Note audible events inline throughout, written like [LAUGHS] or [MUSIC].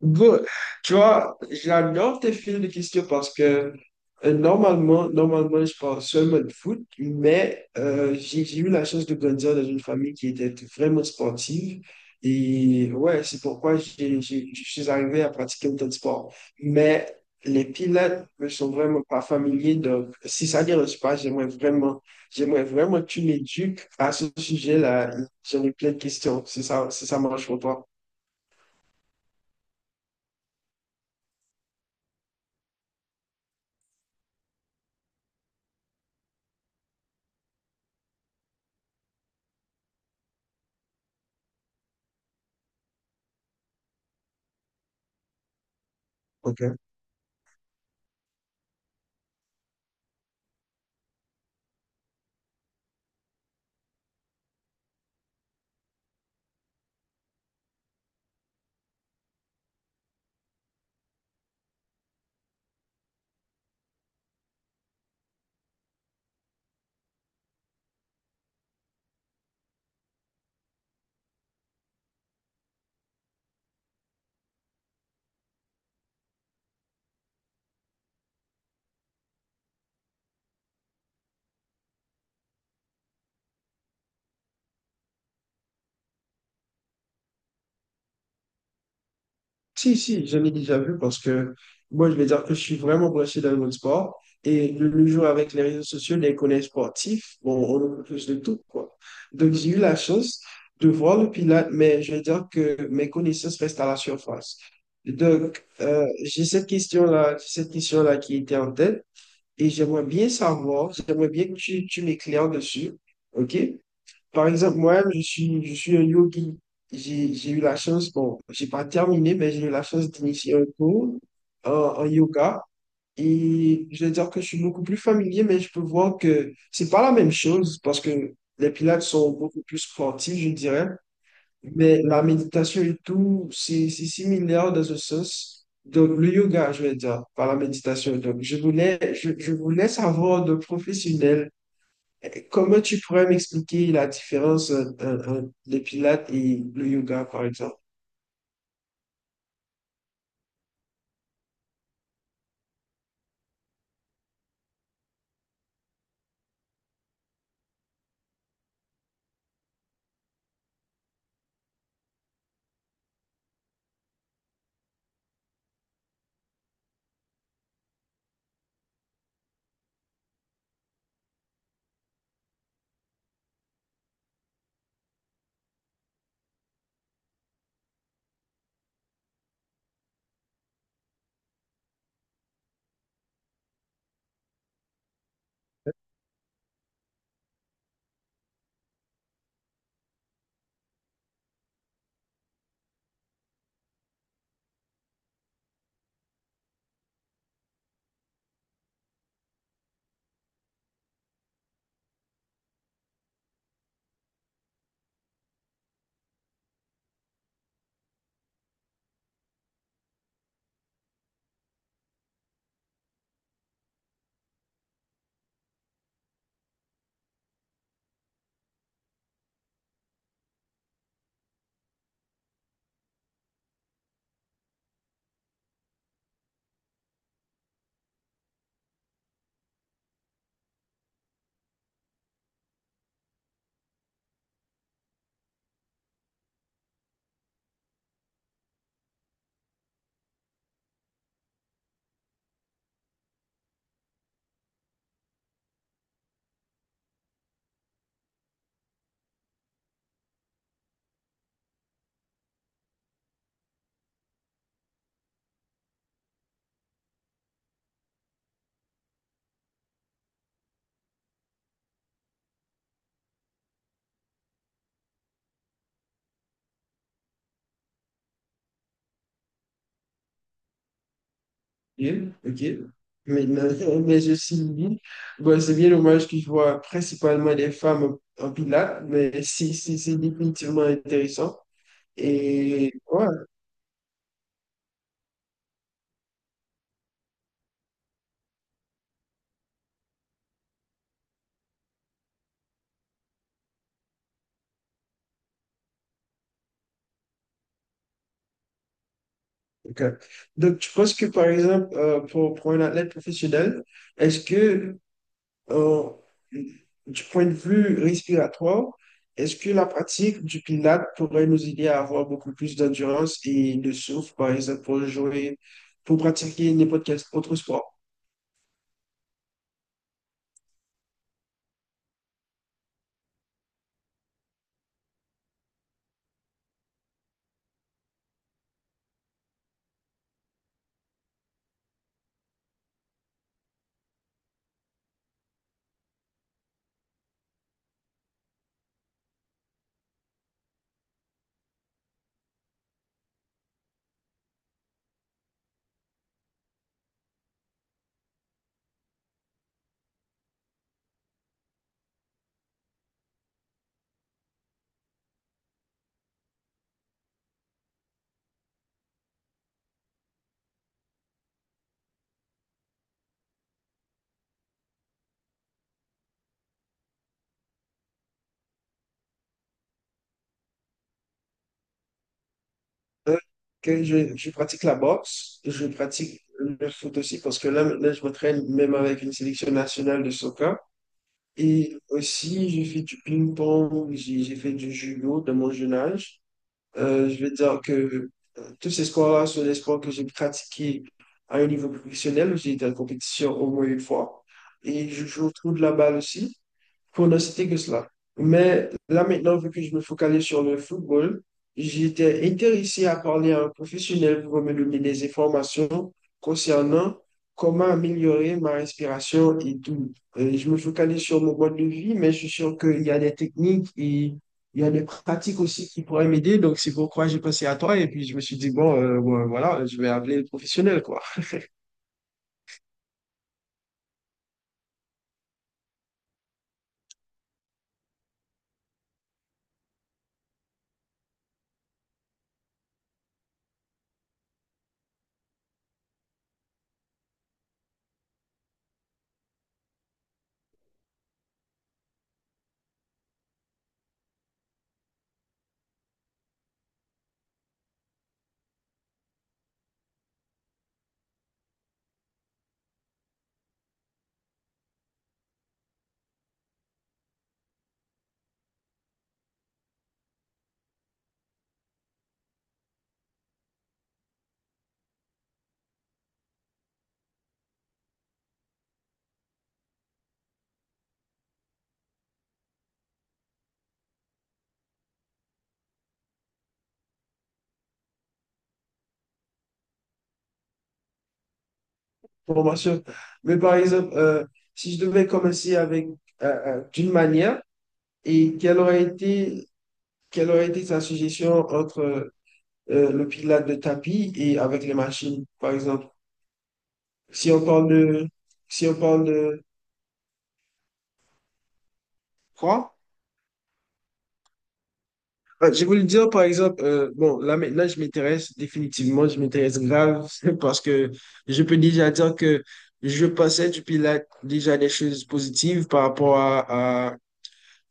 Bon, tu vois, j'adore tes films de questions parce que normalement, je parle seulement de foot, mais j'ai eu la chance de grandir dans une famille qui était vraiment sportive. Et ouais, c'est pourquoi je suis arrivé à pratiquer autant de sport. Mais les pilotes ne sont vraiment pas familiers. Donc, si ça ne dérange pas, j'aimerais vraiment que tu m'éduques à ce sujet-là. J'en ai plein de questions. C'est ça marche pour toi. Si, si, j'en ai déjà vu parce que moi, je vais dire que je suis vraiment branché dans le monde sport. Et le jour avec les réseaux sociaux, les collèges sportifs, bon, on a plus de tout, quoi. Donc, j'ai eu la chance de voir le Pilates, mais je vais dire que mes connaissances restent à la surface. Donc, j'ai cette question-là qui était en tête et j'aimerais bien savoir, j'aimerais bien que tu m'éclaires dessus, OK? Par exemple, moi-même, je suis un yogi. J'ai eu la chance, bon, j'ai pas terminé, mais j'ai eu la chance d'initier un cours en yoga. Et je vais dire que je suis beaucoup plus familier, mais je peux voir que c'est pas la même chose parce que les pilates sont beaucoup plus sportifs, je dirais. Mais la méditation et tout, c'est similaire dans ce sens. Donc, le yoga, je vais dire, par la méditation. Donc, je voulais savoir de professionnels. Comment tu pourrais m'expliquer la différence entre les pilates et le yoga, par exemple? Ok, ok. Maintenant, [LAUGHS] mais je suis dit, bon, c'est bien dommage que je vois principalement des femmes en pilates, mais si, si, c'est définitivement intéressant. Et ouais, ok. Donc, tu penses que, par exemple, pour un athlète professionnel, est-ce que Euh, du point de vue respiratoire, est-ce que la pratique du Pilates pourrait nous aider à avoir beaucoup plus d'endurance et de souffle, par exemple, pour jouer, pour pratiquer n'importe quel autre sport? Hein, que je pratique la boxe, je pratique le foot aussi, parce que là, maintenant, je m'entraîne même avec une sélection nationale de soccer. Et aussi, j'ai fait du ping-pong, j'ai fait du judo de mon jeune âge. Je veux dire que tous ces sports-là sont des sports que j'ai pratiqués à un niveau professionnel. J'ai été en compétition au moins une fois. Et je joue au trou de la balle aussi, pour ne citer que cela. Mais là maintenant, vu que je me focalise sur le football, j'étais intéressé à parler à un professionnel pour me donner des informations concernant comment améliorer ma respiration et tout. Je me focalise sur mon mode de vie, mais je suis sûr qu'il y a des techniques et il y a des pratiques aussi qui pourraient m'aider. Donc, c'est pourquoi j'ai pensé à toi. Et puis, je me suis dit, bon, voilà, je vais appeler le professionnel, quoi, pour m'assurer. Mais par exemple, si je devais commencer avec d'une manière, et quelle aurait été, quelle aurait été ta suggestion entre le pilates de tapis et avec les machines, par exemple? Si on parle de, si on parle de quoi? Ah, je voulais dire, par exemple, bon, là maintenant, je m'intéresse grave, [LAUGHS] parce que je peux déjà dire que je pensais du Pilates déjà des choses positives par rapport à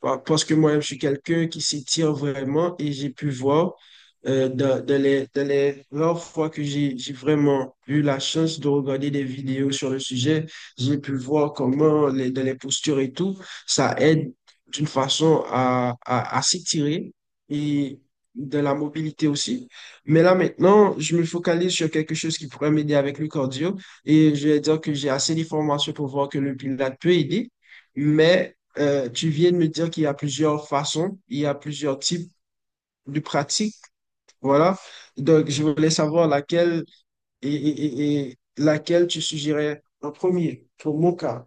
parce que moi-même, je suis quelqu'un qui s'étire vraiment et j'ai pu voir dans les rares fois que j'ai vraiment eu la chance de regarder des vidéos sur le sujet, j'ai pu voir comment dans les postures et tout, ça aide d'une façon à s'étirer et de la mobilité aussi. Mais là maintenant, je me focalise sur quelque chose qui pourrait m'aider avec le cardio et je vais dire que j'ai assez d'informations pour voir que le pilote peut aider. Mais tu viens de me dire qu'il y a plusieurs façons, il y a plusieurs types de pratiques, voilà. Donc, je voulais savoir laquelle et laquelle tu suggérais en premier pour mon cas.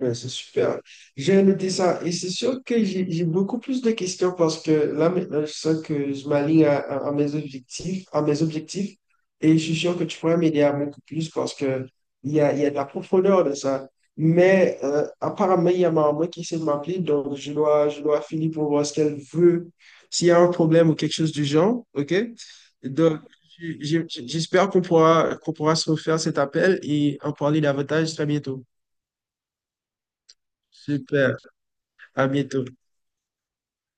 Ouais, c'est super. J'ai noté ça et c'est sûr que j'ai beaucoup plus de questions parce que là maintenant je sens que je m'aligne à mes objectifs et je suis sûr que tu pourrais m'aider à beaucoup plus parce que il y a de la profondeur de ça. Mais apparemment il y a ma maman qui essaie de m'appeler donc je dois finir pour voir ce qu'elle veut, s'il y a un problème ou quelque chose du genre, ok? Donc j'espère qu'on pourra se refaire cet appel et en parler davantage très bientôt. Super. À bientôt.